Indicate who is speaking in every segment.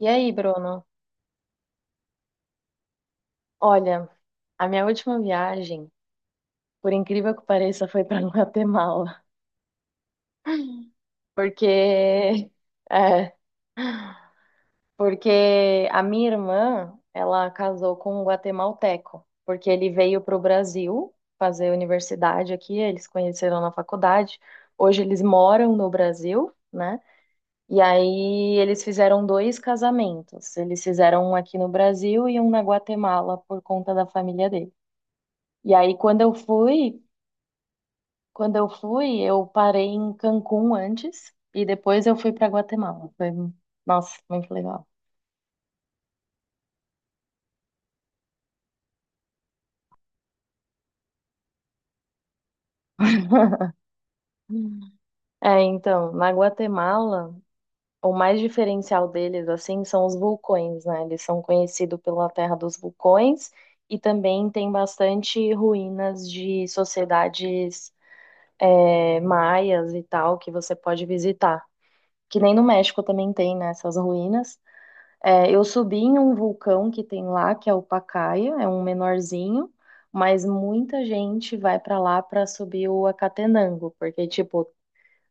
Speaker 1: E aí, Bruno? Olha, a minha última viagem, por incrível que pareça, foi para Guatemala, porque é, porque a minha irmã, ela casou com um guatemalteco, porque ele veio para o Brasil fazer universidade aqui, eles conheceram na faculdade. Hoje eles moram no Brasil, né? E aí eles fizeram dois casamentos. Eles fizeram um aqui no Brasil e um na Guatemala por conta da família dele. E aí, quando eu fui Quando eu fui, eu parei em Cancún antes e depois eu fui para Guatemala. Foi, nossa, muito legal. Hum. É, então, na Guatemala, o mais diferencial deles, assim, são os vulcões, né? Eles são conhecidos pela terra dos vulcões e também tem bastante ruínas de sociedades, maias e tal que você pode visitar. Que nem no México também tem, né, essas ruínas. É, eu subi em um vulcão que tem lá, que é o Pacaya, é um menorzinho, mas muita gente vai para lá para subir o Acatenango, porque, tipo,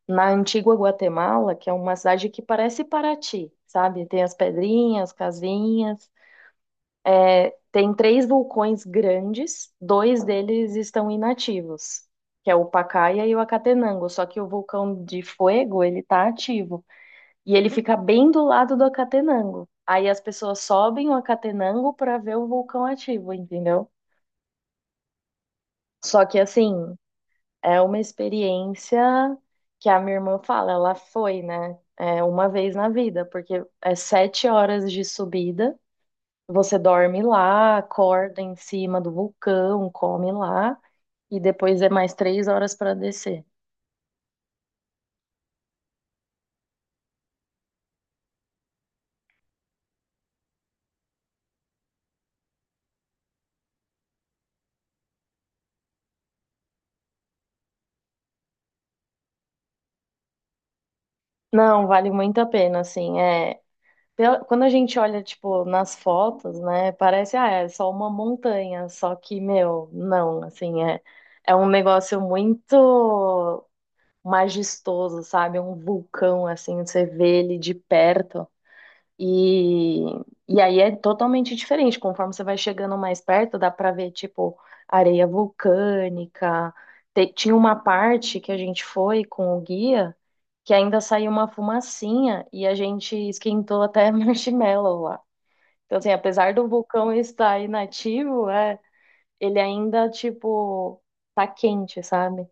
Speaker 1: na antiga Guatemala, que é uma cidade que parece Paraty, sabe? Tem as pedrinhas, casinhas, tem três vulcões grandes, dois deles estão inativos, que é o Pacaya e o Acatenango, só que o vulcão de Fuego, ele tá ativo. E ele fica bem do lado do Acatenango. Aí as pessoas sobem o Acatenango para ver o vulcão ativo, entendeu? Só que assim, é uma experiência que a minha irmã fala, ela foi, né? É uma vez na vida, porque é 7 horas de subida, você dorme lá, acorda em cima do vulcão, come lá, e depois é mais 3 horas para descer. Não, vale muito a pena, assim, Quando a gente olha, tipo, nas fotos, né, parece, ah, é só uma montanha, só que, meu, não, assim, é um negócio muito majestoso, sabe? É um vulcão, assim, você vê ele de perto, e, e aí é totalmente diferente. Conforme você vai chegando mais perto, dá pra ver, tipo, areia vulcânica. Tinha uma parte que a gente foi com o guia que ainda saiu uma fumacinha e a gente esquentou até marshmallow lá. Então, assim, apesar do vulcão estar inativo, é, ele ainda, tipo, tá quente, sabe?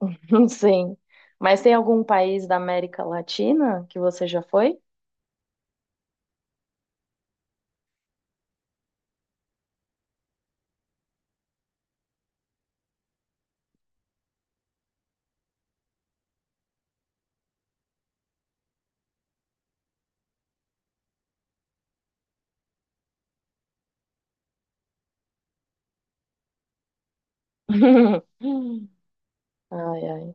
Speaker 1: Não sei. Mas tem algum país da América Latina que você já foi? Ai, ai.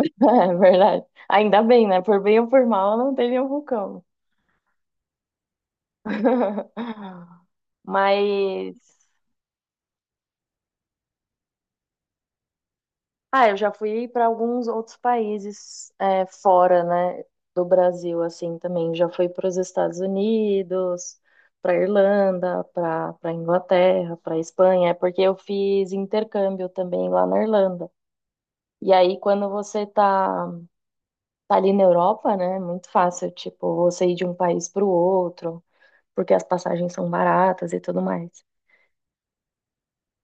Speaker 1: É verdade. Ainda bem, né? Por bem ou por mal, não teve um vulcão. Mas, ah, eu já fui para alguns outros países fora, né, do Brasil, assim, também. Já fui para os Estados Unidos, para Irlanda, para Inglaterra, para Espanha, é porque eu fiz intercâmbio também lá na Irlanda. E aí, quando você tá ali na Europa, né, é muito fácil, tipo, você ir de um país para o outro. Porque as passagens são baratas e tudo mais.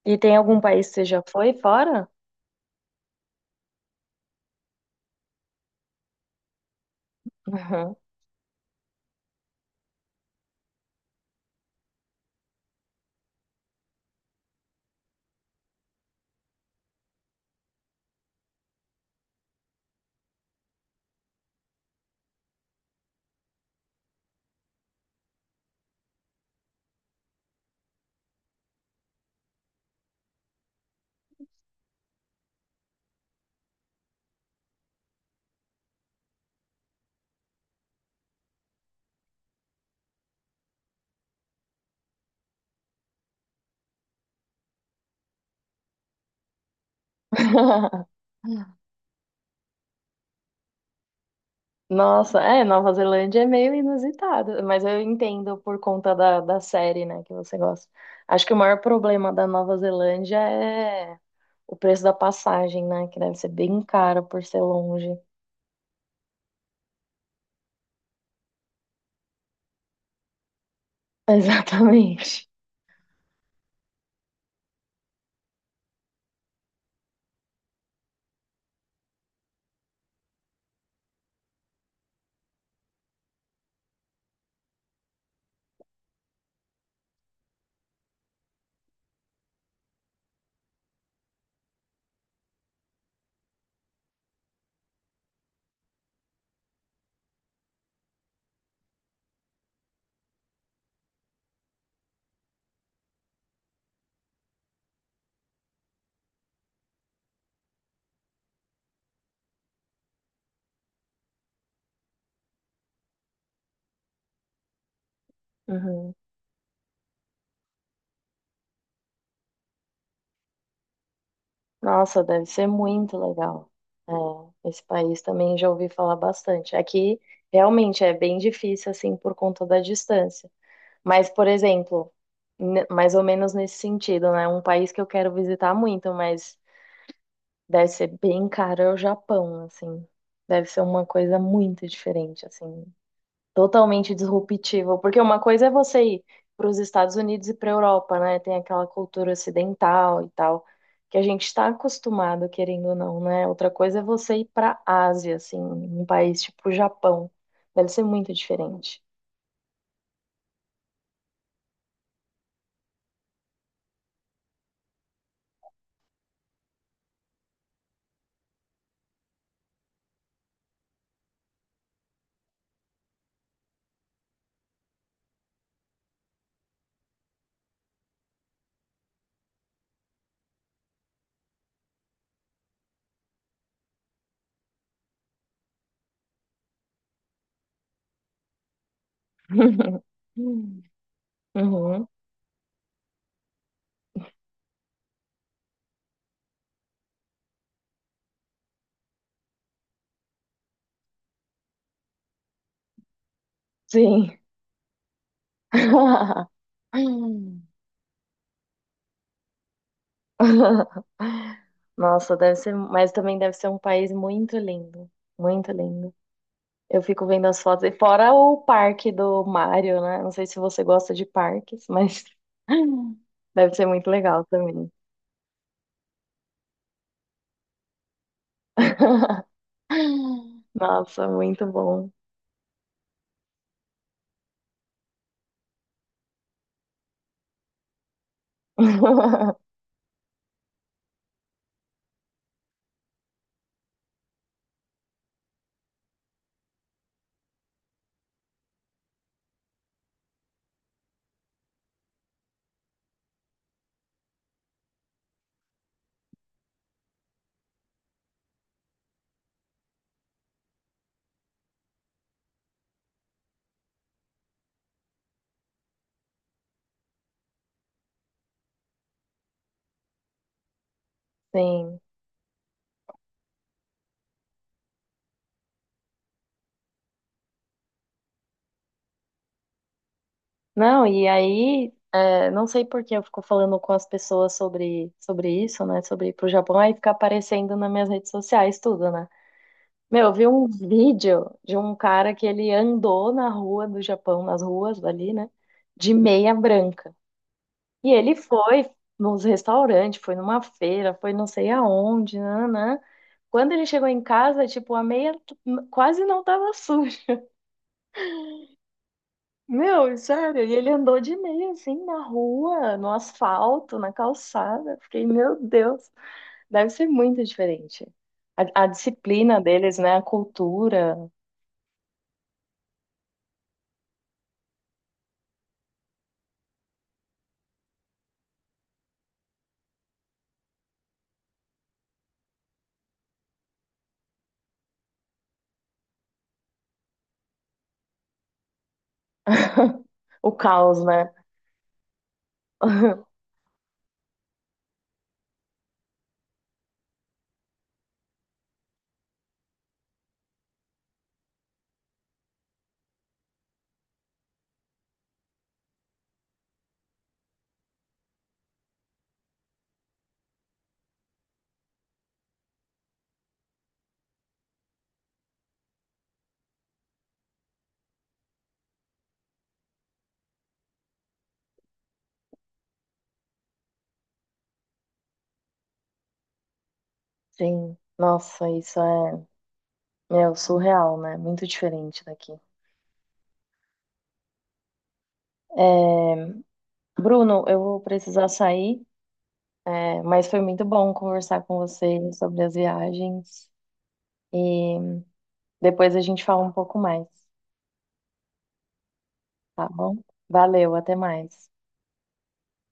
Speaker 1: E tem algum país que você já foi fora? Uhum. Nossa, é, Nova Zelândia é meio inusitado, mas eu entendo por conta da série, né, que você gosta. Acho que o maior problema da Nova Zelândia é o preço da passagem, né, que deve ser bem caro por ser longe. Exatamente. Uhum. Nossa, deve ser muito legal. É, esse país também já ouvi falar bastante. Aqui realmente é bem difícil assim por conta da distância. Mas, por exemplo, mais ou menos nesse sentido, né? Um país que eu quero visitar muito, mas deve ser bem caro é o Japão, assim. Deve ser uma coisa muito diferente, assim. Totalmente disruptivo, porque uma coisa é você ir para os Estados Unidos e para a Europa, né? Tem aquela cultura ocidental e tal, que a gente está acostumado, querendo ou não, né? Outra coisa é você ir para a Ásia, assim, um país tipo o Japão. Deve ser muito diferente. Uhum, sim. Nossa, deve ser, mas também deve ser um país muito lindo, muito lindo. Eu fico vendo as fotos. E fora o parque do Mario, né? Não sei se você gosta de parques, mas deve ser muito legal também. Nossa, muito bom. Sim. Não, e aí, é, não sei por que eu fico falando com as pessoas sobre isso, né? Sobre ir pro Japão, aí fica aparecendo nas minhas redes sociais tudo, né? Meu, eu vi um vídeo de um cara que ele andou na rua do Japão, nas ruas ali, né? De meia branca. E ele foi nos restaurantes, foi numa feira, foi não sei aonde, nanã. Quando ele chegou em casa, tipo, a meia quase não tava suja. Meu, sério, e ele andou de meia assim na rua, no asfalto, na calçada. Fiquei, meu Deus, deve ser muito diferente. A disciplina deles, né? A cultura, o caos, né? Sim, nossa, isso é, meu, surreal, né? Muito diferente daqui. É, Bruno, eu vou precisar sair, é, mas foi muito bom conversar com você sobre as viagens e depois a gente fala um pouco mais, tá bom? Valeu, até mais.